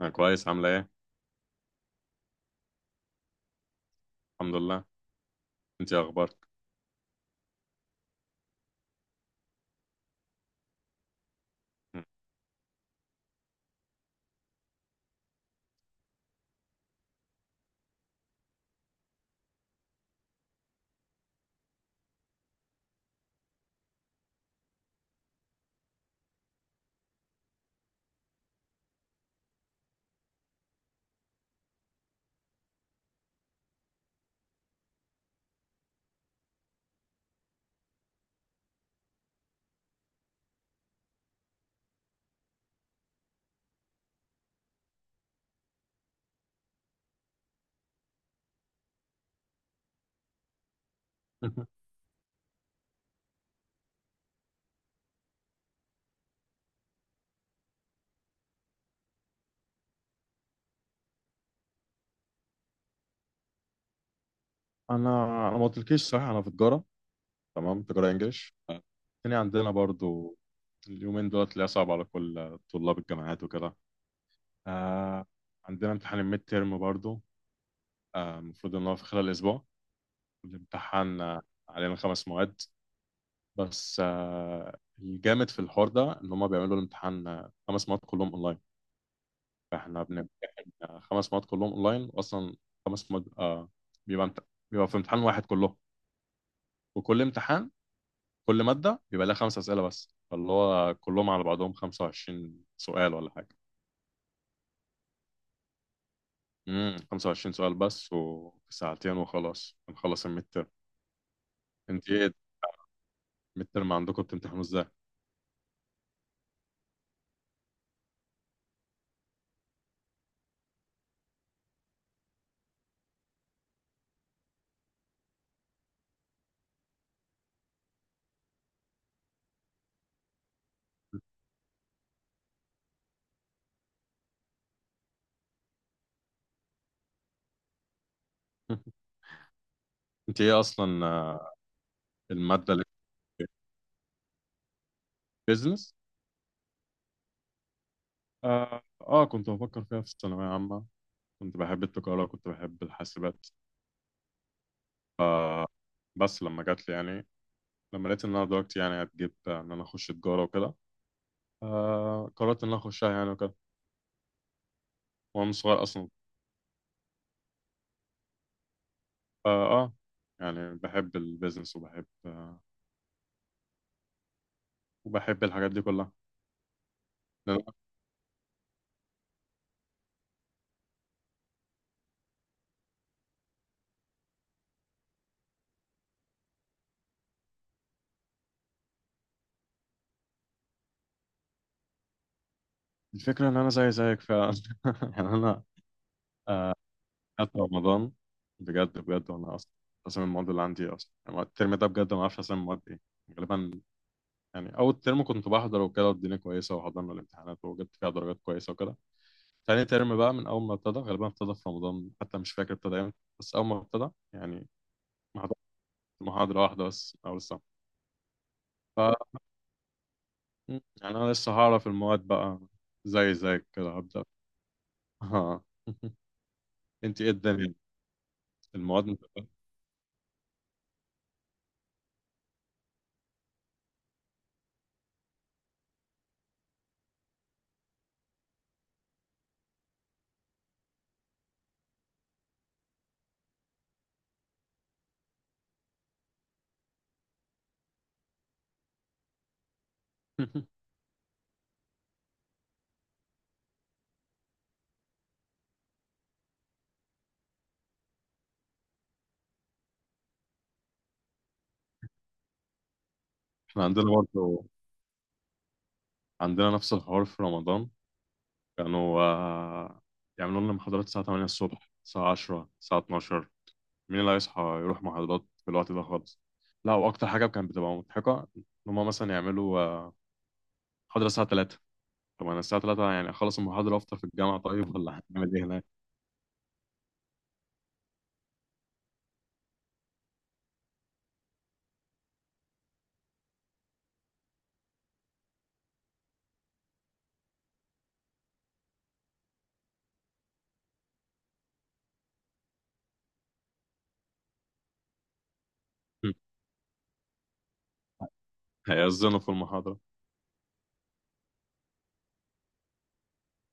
انا كويس. عامله ايه؟ الحمد لله. انت إيه اخبارك؟ انا ما قلتلكيش، صح؟ انا في تجاره. تمام، تجاره انجليش. التاني عندنا برضو. اليومين دول تلاقيها صعب على كل طلاب الجامعات وكده. آه. عندنا امتحان الميد تيرم برضو. المفروض ان هو في خلال اسبوع. الامتحان علينا خمس مواد. بس الجامد في الحوار ده ان هم بيعملوا الامتحان، خمس مواد كلهم اونلاين. احنا بنمتحن خمس مواد كلهم اونلاين، واصلا خمس مواد بيبقى امت... بيبقى في امتحان واحد كلهم. وكل امتحان، كل ماده بيبقى لها خمس اسئله بس، فاللي هو كلهم على بعضهم 25 سؤال ولا حاجه. 25 سؤال بس، وفي ساعتين وخلاص بنخلص الميد ترم. انت ايه؟ الميد ترم عندكم بتمتحنوا ازاي؟ انت ايه اصلا الماده اللي بيزنس؟ كنت بفكر فيها في الثانويه عامه. كنت بحب التجاره، كنت بحب الحاسبات. آه بس لما جات لي، يعني لما لقيت ان انا دلوقتي يعني هتجيب ان انا اخش تجاره وكده، قررت ان انا اخشها يعني وكده. وانا صغير اصلا. آه, اه يعني بحب البيزنس، وبحب وبحب الحاجات دي كلها. لأن الفكره ان انا زي زيك فعلا. يعني انا حتى رمضان، بجد بجد. وانا اصلا، اصلا المواد اللي عندي، اصلا يعني الترم ده بجد ما اعرفش اصلا المواد ايه. غالبا، يعني اول ترم كنت بحضر وكده، والدنيا كويسه، وحضرنا الامتحانات وجبت فيها درجات كويسه وكده. تاني ترم بقى من أول ما ابتدى، غالبا ابتدى في رمضان، حتى مش فاكر ابتدى امتى، بس أول ما ابتدى يعني ما حضرت محاضرة واحدة بس من أول السنة. ف يعني أنا لسه هعرف المواد بقى، زي زيك كده هبدأ. ها. أنت إيه الدنيا؟ المواد متقبلة؟ إحنا عندنا برضه، عندنا نفس الحوار في رمضان. كانوا يعملوا لنا محاضرات الساعة 8 الصبح، الساعة 10، الساعة 12. مين اللي هيصحى يروح محاضرات في الوقت ده خالص؟ لا، وأكتر حاجة كانت بتبقى مضحكة إن هما مثلا يعملوا محاضرة الساعة 3. طب أنا الساعة 3 يعني أخلص المحاضرة وأفطر في الجامعة؟ طيب، ولا هنعمل إيه هناك؟ هيأذنوا في المحاضرة.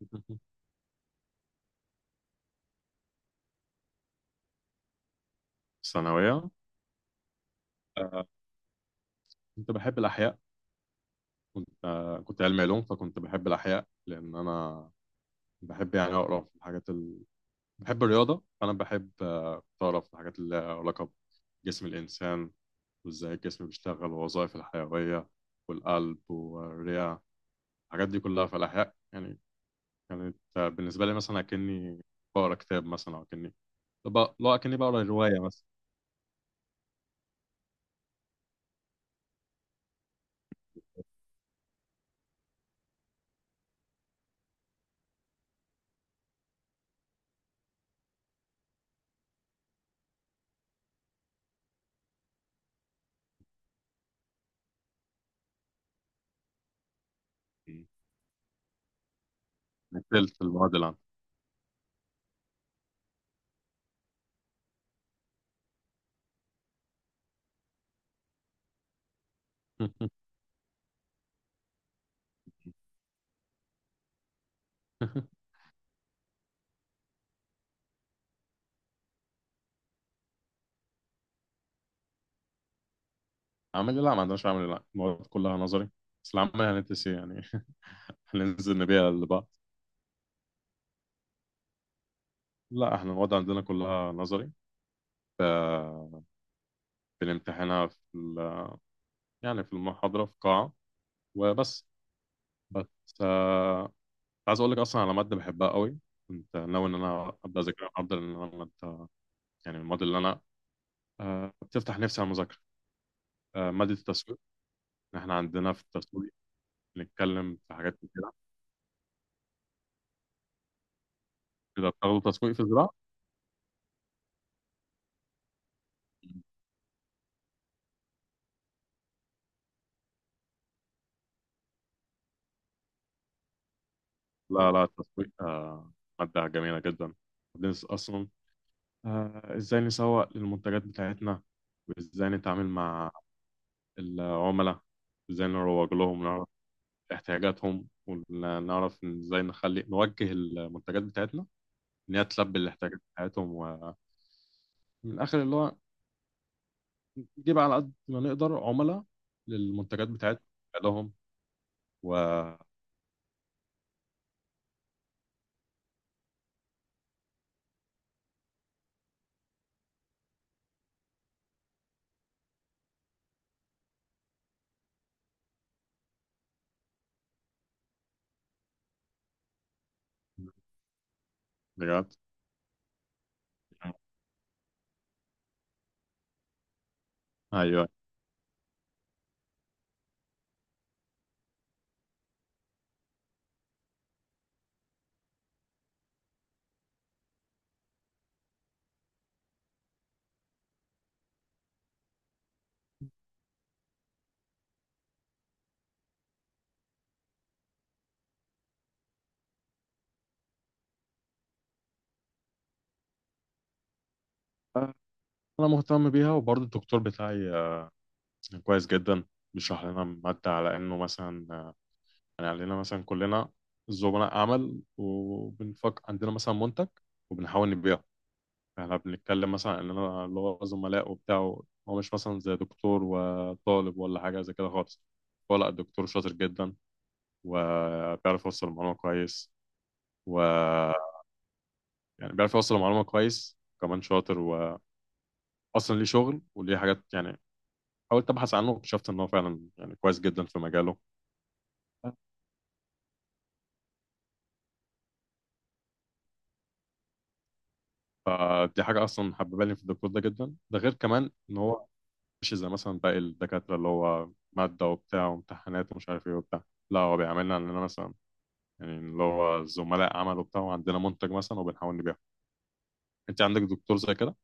ثانوية؟ آه، كنت بحب الأحياء. كنت علمي علوم، فكنت بحب الأحياء لأن أنا بحب يعني أقرأ في الحاجات بحب الرياضة، فأنا بحب أقرأ في الحاجات اللي لها علاقة بجسم الإنسان، وإزاي الجسم بيشتغل، ووظائف الحيوية والقلب والرئة. الحاجات دي كلها في الأحياء، يعني كانت بالنسبة لي مثلا أكني بقرأ كتاب، مثلا أو أكني لو اكني بقرا روايه مثلا. نتلت المواد العام. عملي؟ لا، ما عندناش عملي. لا، المواد كلها نظري. بس العمل هندسي يعني. هننزل نبيع لبعض. لا، احنا المواد عندنا كلها نظري. ف- بنمتحنها في يعني في المحاضرة، في قاعة وبس. بس آه، كنت عايز اقول لك اصلا على مادة بحبها قوي. كنت ناوي ان انا ابدا اذاكرها النهارده، لان انا مادة، يعني من المواد اللي انا بتفتح نفسي على المذاكرة. مادة التسويق. احنا عندنا في التسويق بنتكلم في حاجات كتير. إذا بتاخدوا تسويق في الزراعة؟ لا لا، التسويق مادة جميلة جدا. بندرس أصلا إزاي نسوق للمنتجات بتاعتنا، وإزاي نتعامل مع العملاء، إزاي نروج لهم، نعرف احتياجاتهم، ونعرف إزاي نخلي، نوجه المنتجات بتاعتنا إن هي تلبي الاحتياجات بتاعتهم. ومن الآخر، اللي هو نجيب على قد ما نقدر عملاء للمنتجات بتاعتنا لهم. و، بجد. أيوه، أنا مهتم بيها، وبرضه الدكتور بتاعي كويس جدا. بيشرح لنا مادة على إنه مثلا يعني علينا مثلا كلنا زملاء عمل، وبنفكر عندنا مثلا منتج وبنحاول نبيعه. احنا بنتكلم مثلا إننا اللي هو زملاء وبتاع. هو مش مثلا زي دكتور وطالب ولا حاجة زي كده خالص. هو لا، الدكتور شاطر جدا، وبيعرف يوصل المعلومة كويس. و، يعني بيعرف يوصل المعلومة كويس، كمان شاطر. وأصلا ليه شغل وليه حاجات، يعني حاولت أبحث عنه واكتشفت إن هو فعلا يعني كويس جدا في مجاله. دي حاجة أصلا حببالي في الدكتور ده جدا. ده غير كمان إن هو مش زي مثلا باقي الدكاترة اللي هو مادة وبتاع وامتحانات ومش عارف إيه وبتاع. لا، هو بيعاملنا علينا مثلا، يعني اللي هو زملاء عمل وبتاع، وعندنا منتج مثلا وبنحاول نبيعه. أنت عندك دكتور زي كده؟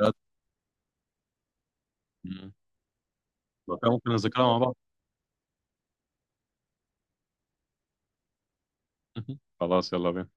بجد؟ مم. لو كان ممكن نذاكرها مع بعض. خلاص، يلا بينا.